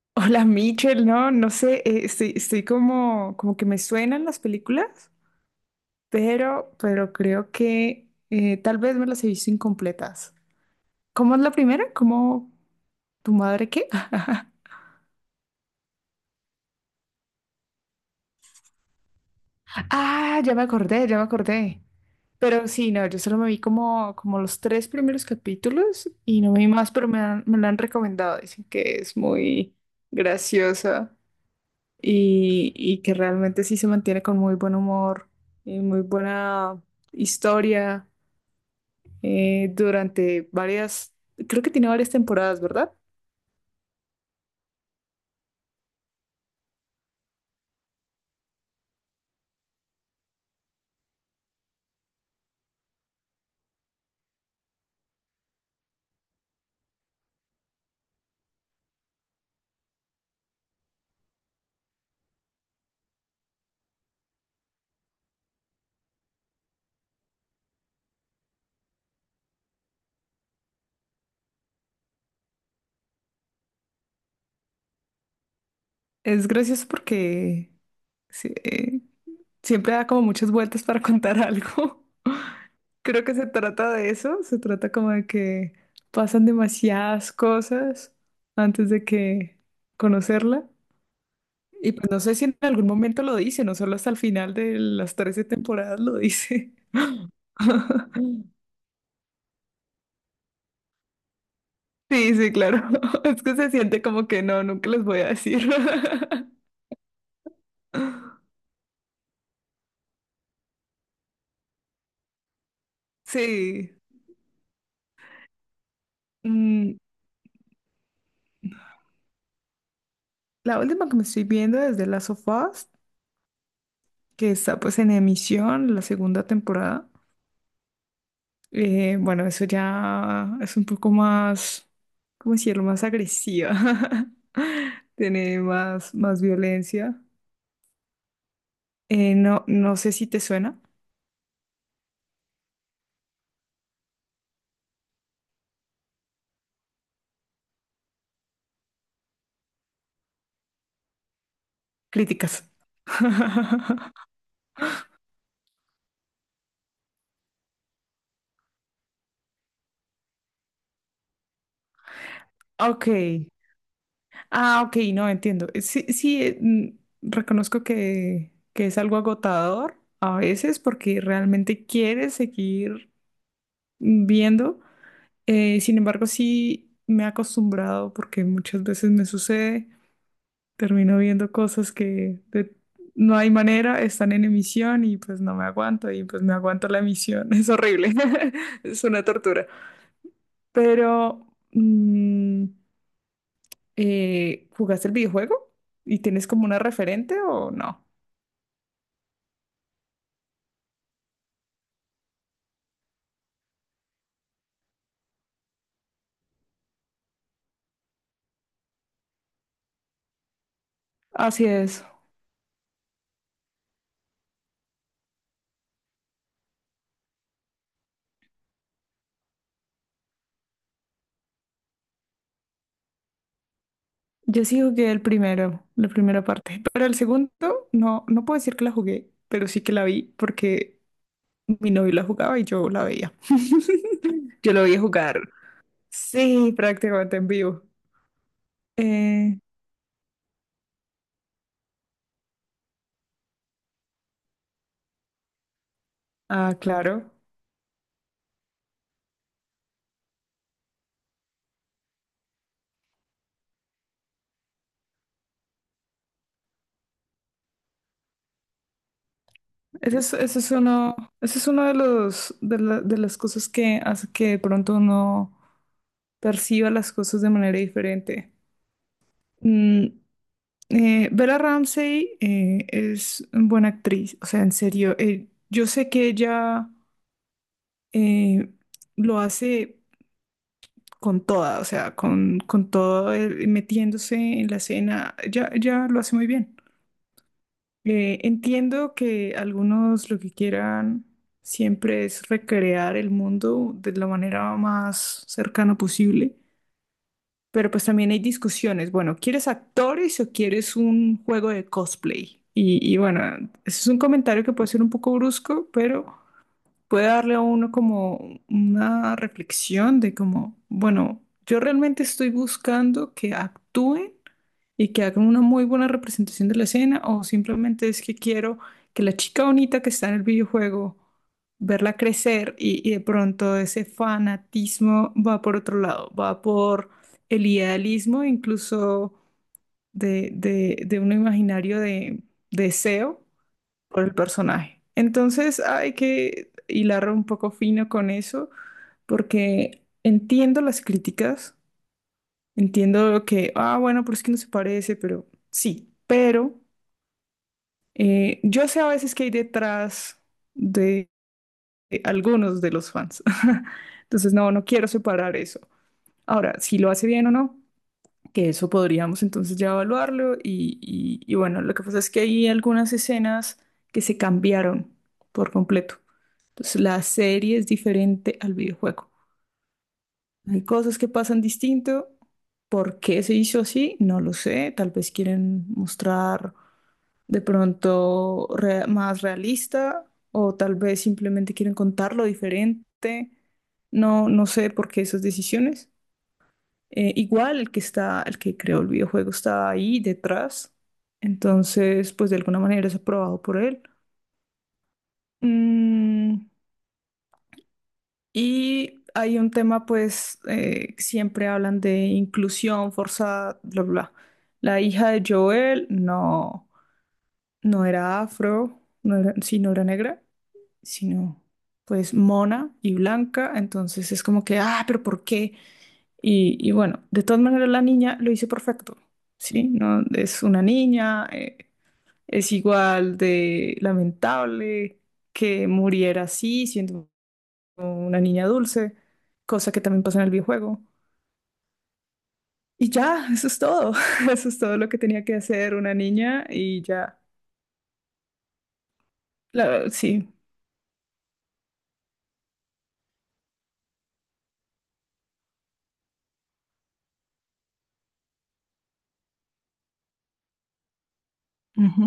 Hola Mitchell, no, no sé, estoy como que me suenan las películas, pero creo que tal vez me las he visto incompletas. ¿Cómo es la primera? ¿Cómo tu madre qué? Ah, ya me acordé, ya me acordé. Pero sí, no, yo solo me vi como, como los tres primeros capítulos y no me vi más, pero me la han recomendado. Dicen que es muy graciosa. Y que realmente sí se mantiene con muy buen humor y muy buena historia durante varias, creo que tiene varias temporadas, ¿verdad? Es gracioso porque sí, siempre da como muchas vueltas para contar algo. Creo que se trata de eso, se trata como de que pasan demasiadas cosas antes de que conocerla. Y pues no sé si en algún momento lo dice, no solo hasta el final de las 13 temporadas lo dice. Sí, sí, claro. Es que se siente como que no, nunca les voy a decir. Sí. Mm, la última que me estoy viendo es de Last of Us, que está pues en emisión, la segunda temporada. Bueno, eso ya es un poco más, ¿cómo decirlo? Más agresiva. Tiene más violencia. No, no sé si te suena. Críticas. Ok. Ah, ok, no entiendo. Sí, sí, reconozco que es algo agotador a veces porque realmente quieres seguir viendo. Sin embargo, sí me he acostumbrado porque muchas veces me sucede, termino viendo cosas no hay manera, están en emisión y pues no me aguanto y pues me aguanto la emisión. Es horrible, es una tortura. Pero... mm, ¿Jugaste el videojuego? ¿Y tienes como una referente o no? Así es. Yo sí jugué el primero, la primera parte, pero el segundo no, no puedo decir que la jugué, pero sí que la vi porque mi novio la jugaba y yo la veía. Yo lo veía jugar. Sí, prácticamente en vivo. Eh, ah, claro. Ese es, ese es uno, ese es uno de los, de la- de las cosas que hace que de pronto uno perciba las cosas de manera diferente. Mm, Bella Ramsey es una buena actriz, o sea, en serio, yo sé que ella eh, lo hace con toda, o sea, con todo, metiéndose en la escena, ya, ya lo hace muy bien. Entiendo que algunos lo que quieran siempre es recrear el mundo de la manera más cercana posible. Pero pues también hay discusiones. Bueno, ¿quieres actores o quieres un juego de cosplay? Y bueno, ese es un comentario que puede ser un poco brusco, pero puede darle a uno como una reflexión de como, bueno, yo realmente estoy buscando que actúen y que hagan una muy buena representación de la escena o simplemente es que quiero que la chica bonita que está en el videojuego, verla crecer y de pronto ese fanatismo va por otro lado, va por el idealismo incluso de un imaginario de deseo por el personaje. Entonces hay que hilar un poco fino con eso, porque entiendo las críticas, entiendo que, ah, bueno, pero es que no se parece, pero sí, pero yo sé a veces que hay detrás de, de algunos de los fans. Entonces, no, no quiero separar eso. Ahora, si lo hace bien o no, que eso podríamos entonces ya evaluarlo y bueno, lo que pasa es que hay algunas escenas que se cambiaron por completo. Entonces la serie es diferente al videojuego. Hay cosas que pasan distinto. ¿Por qué se hizo así? No lo sé. Tal vez quieren mostrar de pronto más realista o tal vez simplemente quieren contarlo diferente. No, no sé por qué esas decisiones. Igual el que está, el que creó el videojuego está ahí detrás. Entonces, pues de alguna manera es aprobado por él. Mm, y hay un tema, pues, siempre hablan de inclusión forzada, bla, bla. La hija de Joel no, no era afro, no era, sí, no era negra, sino pues mona y blanca. Entonces es como que, ah, pero ¿por qué? Y bueno, de todas maneras la niña lo hizo perfecto, ¿sí? No, es una niña, es igual de lamentable que muriera así, siendo una niña dulce, cosa que también pasa en el videojuego. Y ya, eso es todo, eso es todo lo que tenía que hacer una niña y ya, la, sí. Ujú.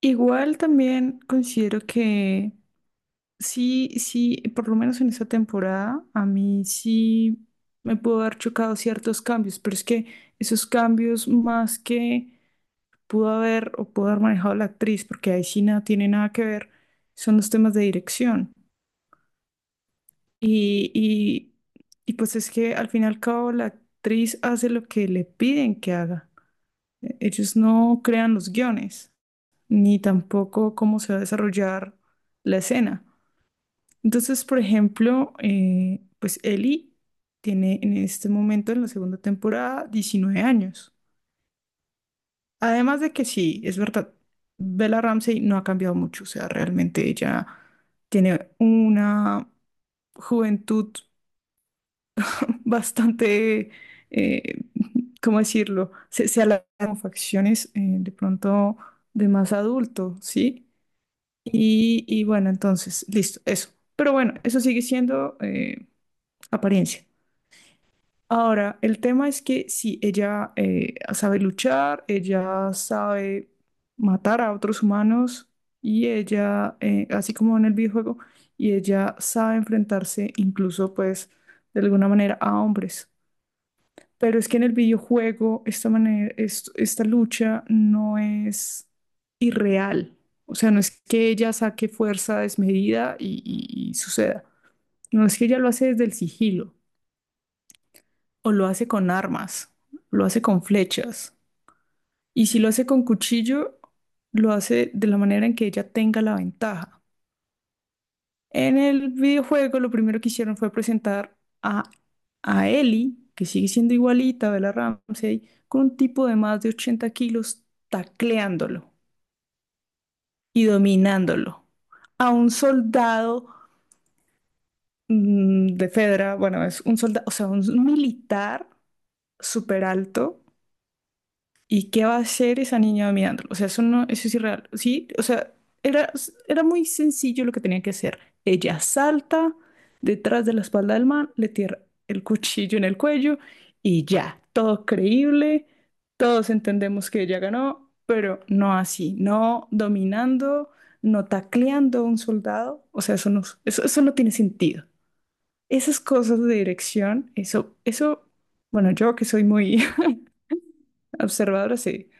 Igual también considero que. Sí, sí, por lo menos en esta temporada a mí sí me pudo haber chocado ciertos cambios, pero es que esos cambios más que pudo haber o pudo haber manejado la actriz, porque ahí sí nada tiene nada que ver, son los temas de dirección. Y, y, y pues es que al fin y al cabo la actriz hace lo que le piden que haga. Ellos no crean los guiones, ni tampoco cómo se va a desarrollar la escena. Entonces, por ejemplo, pues Ellie tiene en este momento, en la segunda temporada, 19 años. Además de que sí, es verdad, Bella Ramsey no ha cambiado mucho, o sea, realmente ella tiene una juventud bastante, eh, ¿cómo decirlo? Se alarga con facciones de pronto de más adulto, ¿sí? Y bueno, entonces, listo, eso. Pero bueno, eso sigue siendo apariencia. Ahora, el tema es que si ella sabe luchar, ella sabe matar a otros humanos y ella, así como en el videojuego, y ella sabe enfrentarse incluso pues de alguna manera a hombres. Pero es que en el videojuego esta manera, esta lucha no es irreal. O sea, no es que ella saque fuerza desmedida y suceda. No es que ella lo hace desde el sigilo o lo hace con armas, lo hace con flechas. Y si lo hace con cuchillo, lo hace de la manera en que ella tenga la ventaja. En el videojuego lo primero que hicieron fue presentar a, a Ellie, que sigue siendo igualita a Bella Ramsey, con un tipo de más de 80 kilos tacleándolo y dominándolo. A un soldado de Fedra, bueno, es un soldado, o sea, un militar súper alto. ¿Y qué va a hacer esa niña mirándolo? O sea, eso no, eso es irreal. Sí, o sea, era, era muy sencillo lo que tenía que hacer. Ella salta detrás de la espalda del man, le tira el cuchillo en el cuello y ya, todo creíble, todos entendemos que ella ganó, pero no así, no dominando, no tacleando a un soldado. O sea, eso no, eso no tiene sentido. Esas cosas de dirección, bueno, yo que soy muy observadora, sí.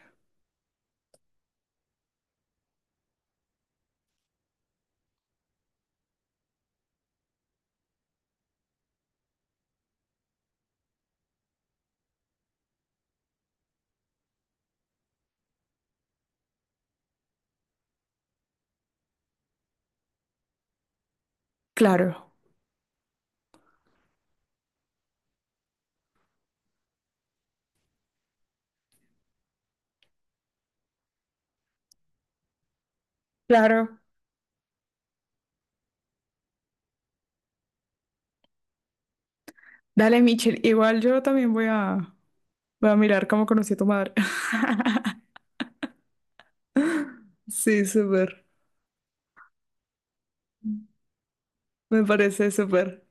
Claro. Claro. Dale, Michelle. Igual yo también voy a mirar Cómo conocí a tu madre. Sí, súper. Me parece súper.